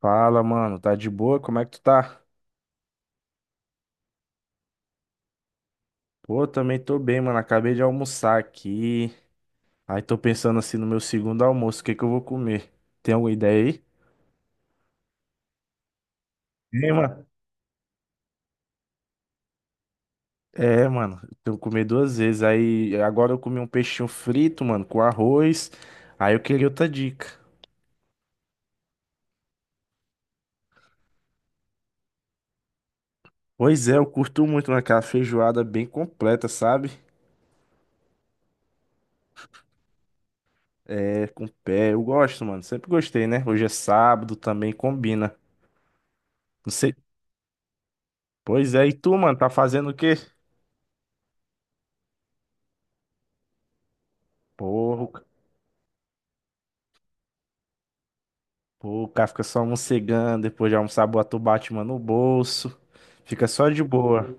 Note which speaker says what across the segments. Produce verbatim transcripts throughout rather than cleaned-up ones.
Speaker 1: Fala, mano, tá de boa? Como é que tu tá? Pô, também tô bem, mano. Acabei de almoçar aqui. Aí tô pensando assim no meu segundo almoço, o que que eu vou comer? Tem alguma ideia aí? Tem, mano. É, mano, eu tenho que comer duas vezes. Aí agora eu comi um peixinho frito, mano, com arroz. Aí eu queria outra dica. Pois é, eu curto muito, mano, aquela feijoada bem completa, sabe? É, com pé, eu gosto, mano. Sempre gostei, né? Hoje é sábado, também combina. Não sei. Pois é, e tu, mano, tá fazendo o quê? Porra. Pô, o cara fica só mocegando, depois de almoçar, bota o Batman no bolso. Fica só de boa.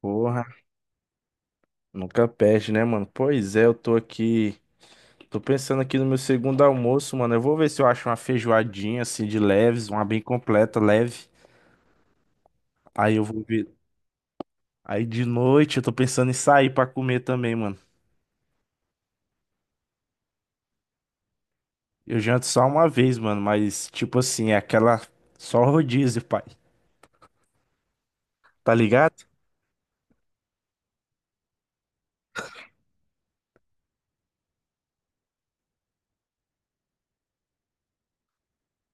Speaker 1: Porra, nunca perde, né, mano? Pois é, eu tô aqui. Tô pensando aqui no meu segundo almoço, mano. Eu vou ver se eu acho uma feijoadinha, assim, de leves, uma bem completa, leve. Aí eu vou ver. Aí de noite eu tô pensando em sair pra comer também, mano. Eu janto só uma vez, mano, mas tipo assim, é aquela. Só rodízio, pai. Tá ligado?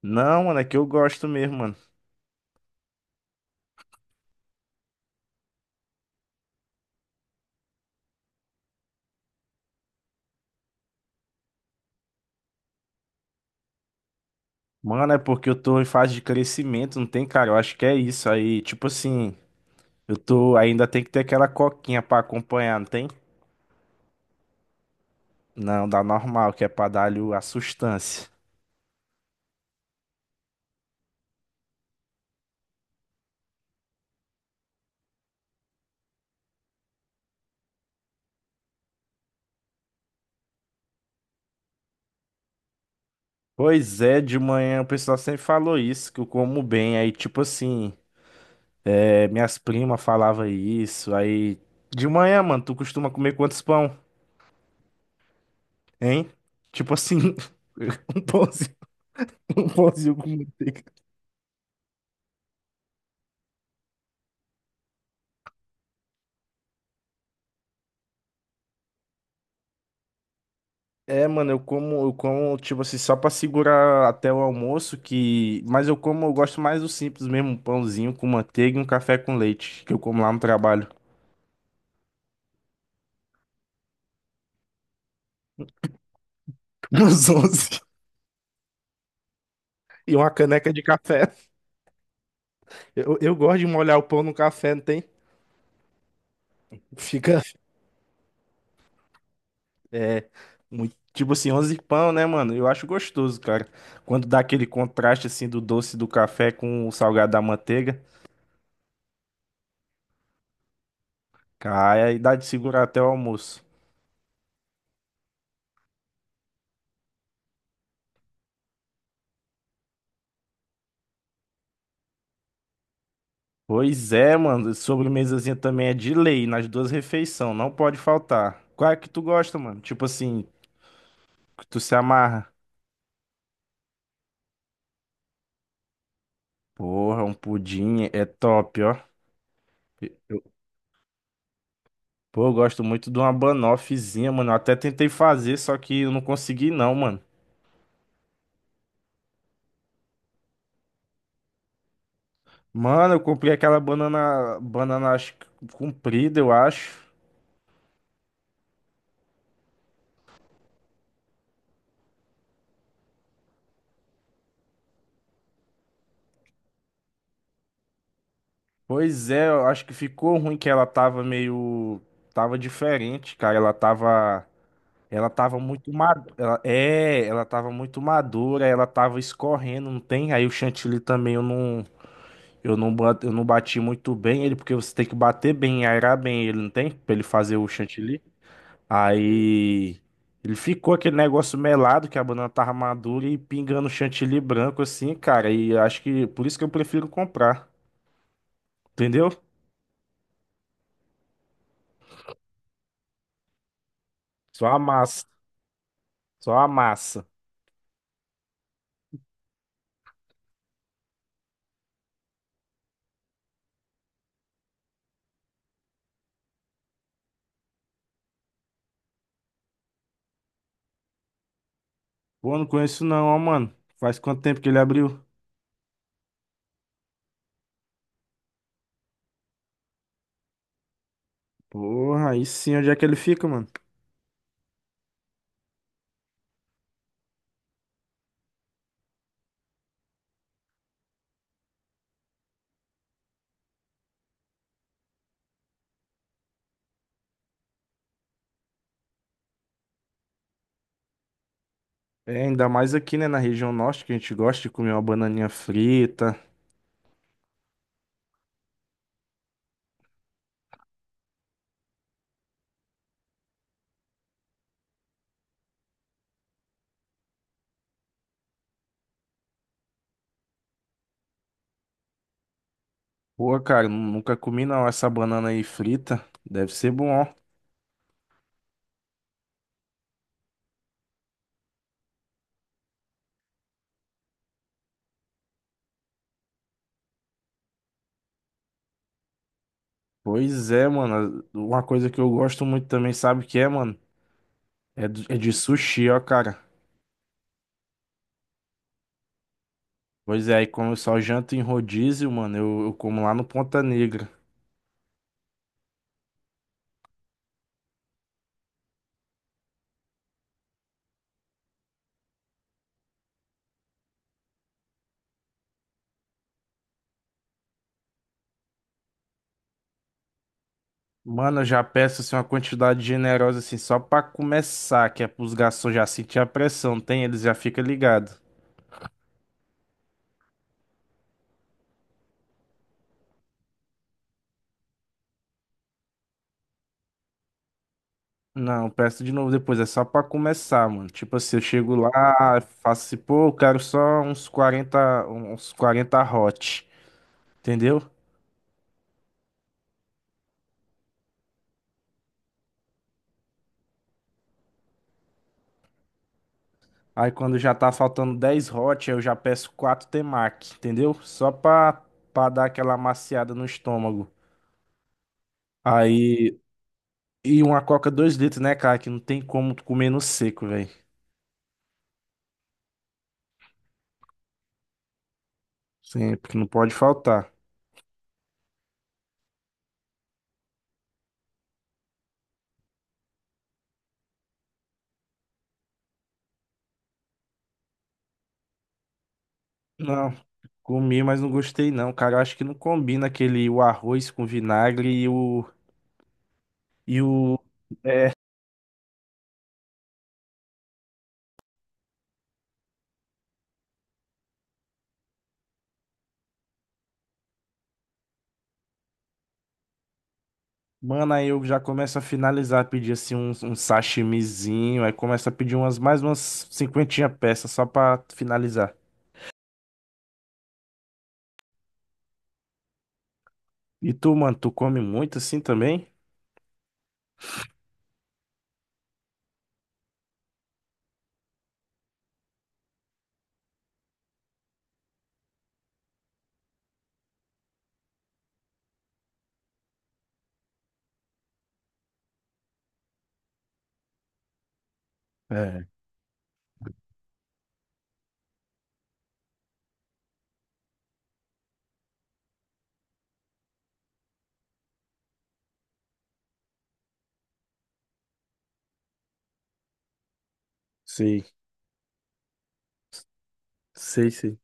Speaker 1: Não, mano, é que eu gosto mesmo, mano. Mano, é porque eu tô em fase de crescimento, não tem, cara? Eu acho que é isso aí. Tipo assim, eu tô ainda tem que ter aquela coquinha pra acompanhar, não tem? Não, dá normal, que é pra dar-lhe o- a sustância. Pois é, de manhã o pessoal sempre falou isso, que eu como bem. Aí, tipo assim, é, minhas primas falavam isso. Aí, de manhã, mano, tu costuma comer quantos pão, hein? Tipo assim, um pãozinho, um pãozinho com manteiga. É, mano, eu como, eu como, tipo assim, só pra segurar até o almoço, que... Mas eu como, eu gosto mais do simples mesmo, um pãozinho com manteiga e um café com leite, que eu como lá no trabalho, nos onze e uma caneca de café. Eu, eu gosto de molhar o pão no café, não tem? Fica, é, muito, tipo assim, onze pão, né, mano? Eu acho gostoso, cara. Quando dá aquele contraste, assim, do doce do café com o salgado da manteiga, cai aí dá de segurar até o almoço. Pois é, mano. Sobremesazinha também é de lei nas duas refeições, não pode faltar. Qual é que tu gosta, mano? Tipo assim, que tu se amarra. Porra, um pudim é top, ó. Eu- pô, eu gosto muito de uma banoffzinha, mano. Eu até tentei fazer, só que eu não consegui não, mano. Mano, eu comprei aquela banana, banana acho que comprida, eu acho. Pois é, eu acho que ficou ruim que ela tava meio, tava diferente, cara. Ela tava Ela tava muito madura. Ela, é, ela tava muito madura, ela tava escorrendo, não tem? Aí o chantilly também eu não, eu não, ba- eu não bati muito bem ele, porque você tem que bater bem, aerar bem ele, não tem? Pra ele fazer o chantilly. Aí ele ficou aquele negócio melado, que a banana tava madura e pingando chantilly branco assim, cara. E acho que por isso que eu prefiro comprar, entendeu? Só a massa, só a massa. Pô, não conheço não, ó, mano. Faz quanto tempo que ele abriu? Porra, aí sim, onde é que ele fica, mano? É, ainda mais aqui, né, na região norte, que a gente gosta de comer uma bananinha frita. Pô, cara, nunca comi não essa banana aí frita. Deve ser bom, ó. Pois é, mano. Uma coisa que eu gosto muito também, sabe o que é, mano? É de, é de sushi, ó, cara. Pois é, aí como eu só janto em rodízio, mano, eu, eu como lá no Ponta Negra. Mano, eu já peço assim uma quantidade generosa assim, só pra começar, que é pros garçons já sentir a pressão, tem? Eles já ficam ligados. Não, peço de novo depois, é só pra começar, mano. Tipo assim, eu chego lá, faço assim, pô, eu quero só uns quarenta, uns quarenta hot, entendeu? Aí quando já tá faltando dez hot, eu já peço quatro temaki, entendeu? Só pra, pra dar aquela amaciada no estômago. Aí, e uma coca dois litros, né, cara? Que não tem como tu comer no seco, velho. Sim, porque não pode faltar. Não, comi, mas não gostei não, cara. Eu acho que não combina aquele o arroz com vinagre e o E o. É, mano, aí eu já começo a finalizar, pedir assim um, um, sashimizinho, aí começa a pedir umas mais umas cinquentinha peças só pra finalizar. E tu, mano, tu come muito assim também? É, sei, sei, sei.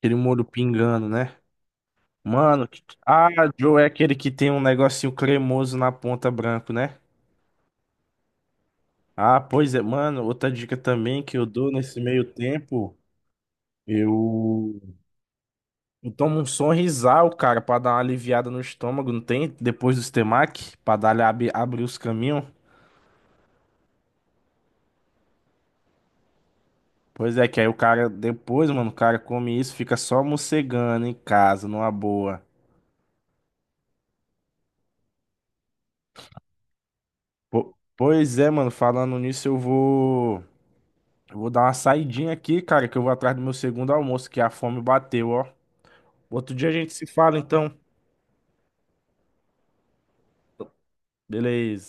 Speaker 1: Aquele molho pingando, né? Mano, que- ah, Joe é aquele que tem um negocinho cremoso na ponta branco, né? Ah, pois é, mano, outra dica também que eu dou nesse meio tempo, eu. Eu tomo um sonrisal, cara, pra dar uma aliviada no estômago, não tem? Depois do Stemac, pra dar ali ab- abrir os caminhos. Pois é, que aí o cara, depois, mano, o cara come isso, fica só mocegando em casa, numa boa. Po- pois é, mano, falando nisso, eu vou. Eu vou dar uma saidinha aqui, cara, que eu vou atrás do meu segundo almoço, que a fome bateu, ó. Outro dia a gente se fala, então. Beleza.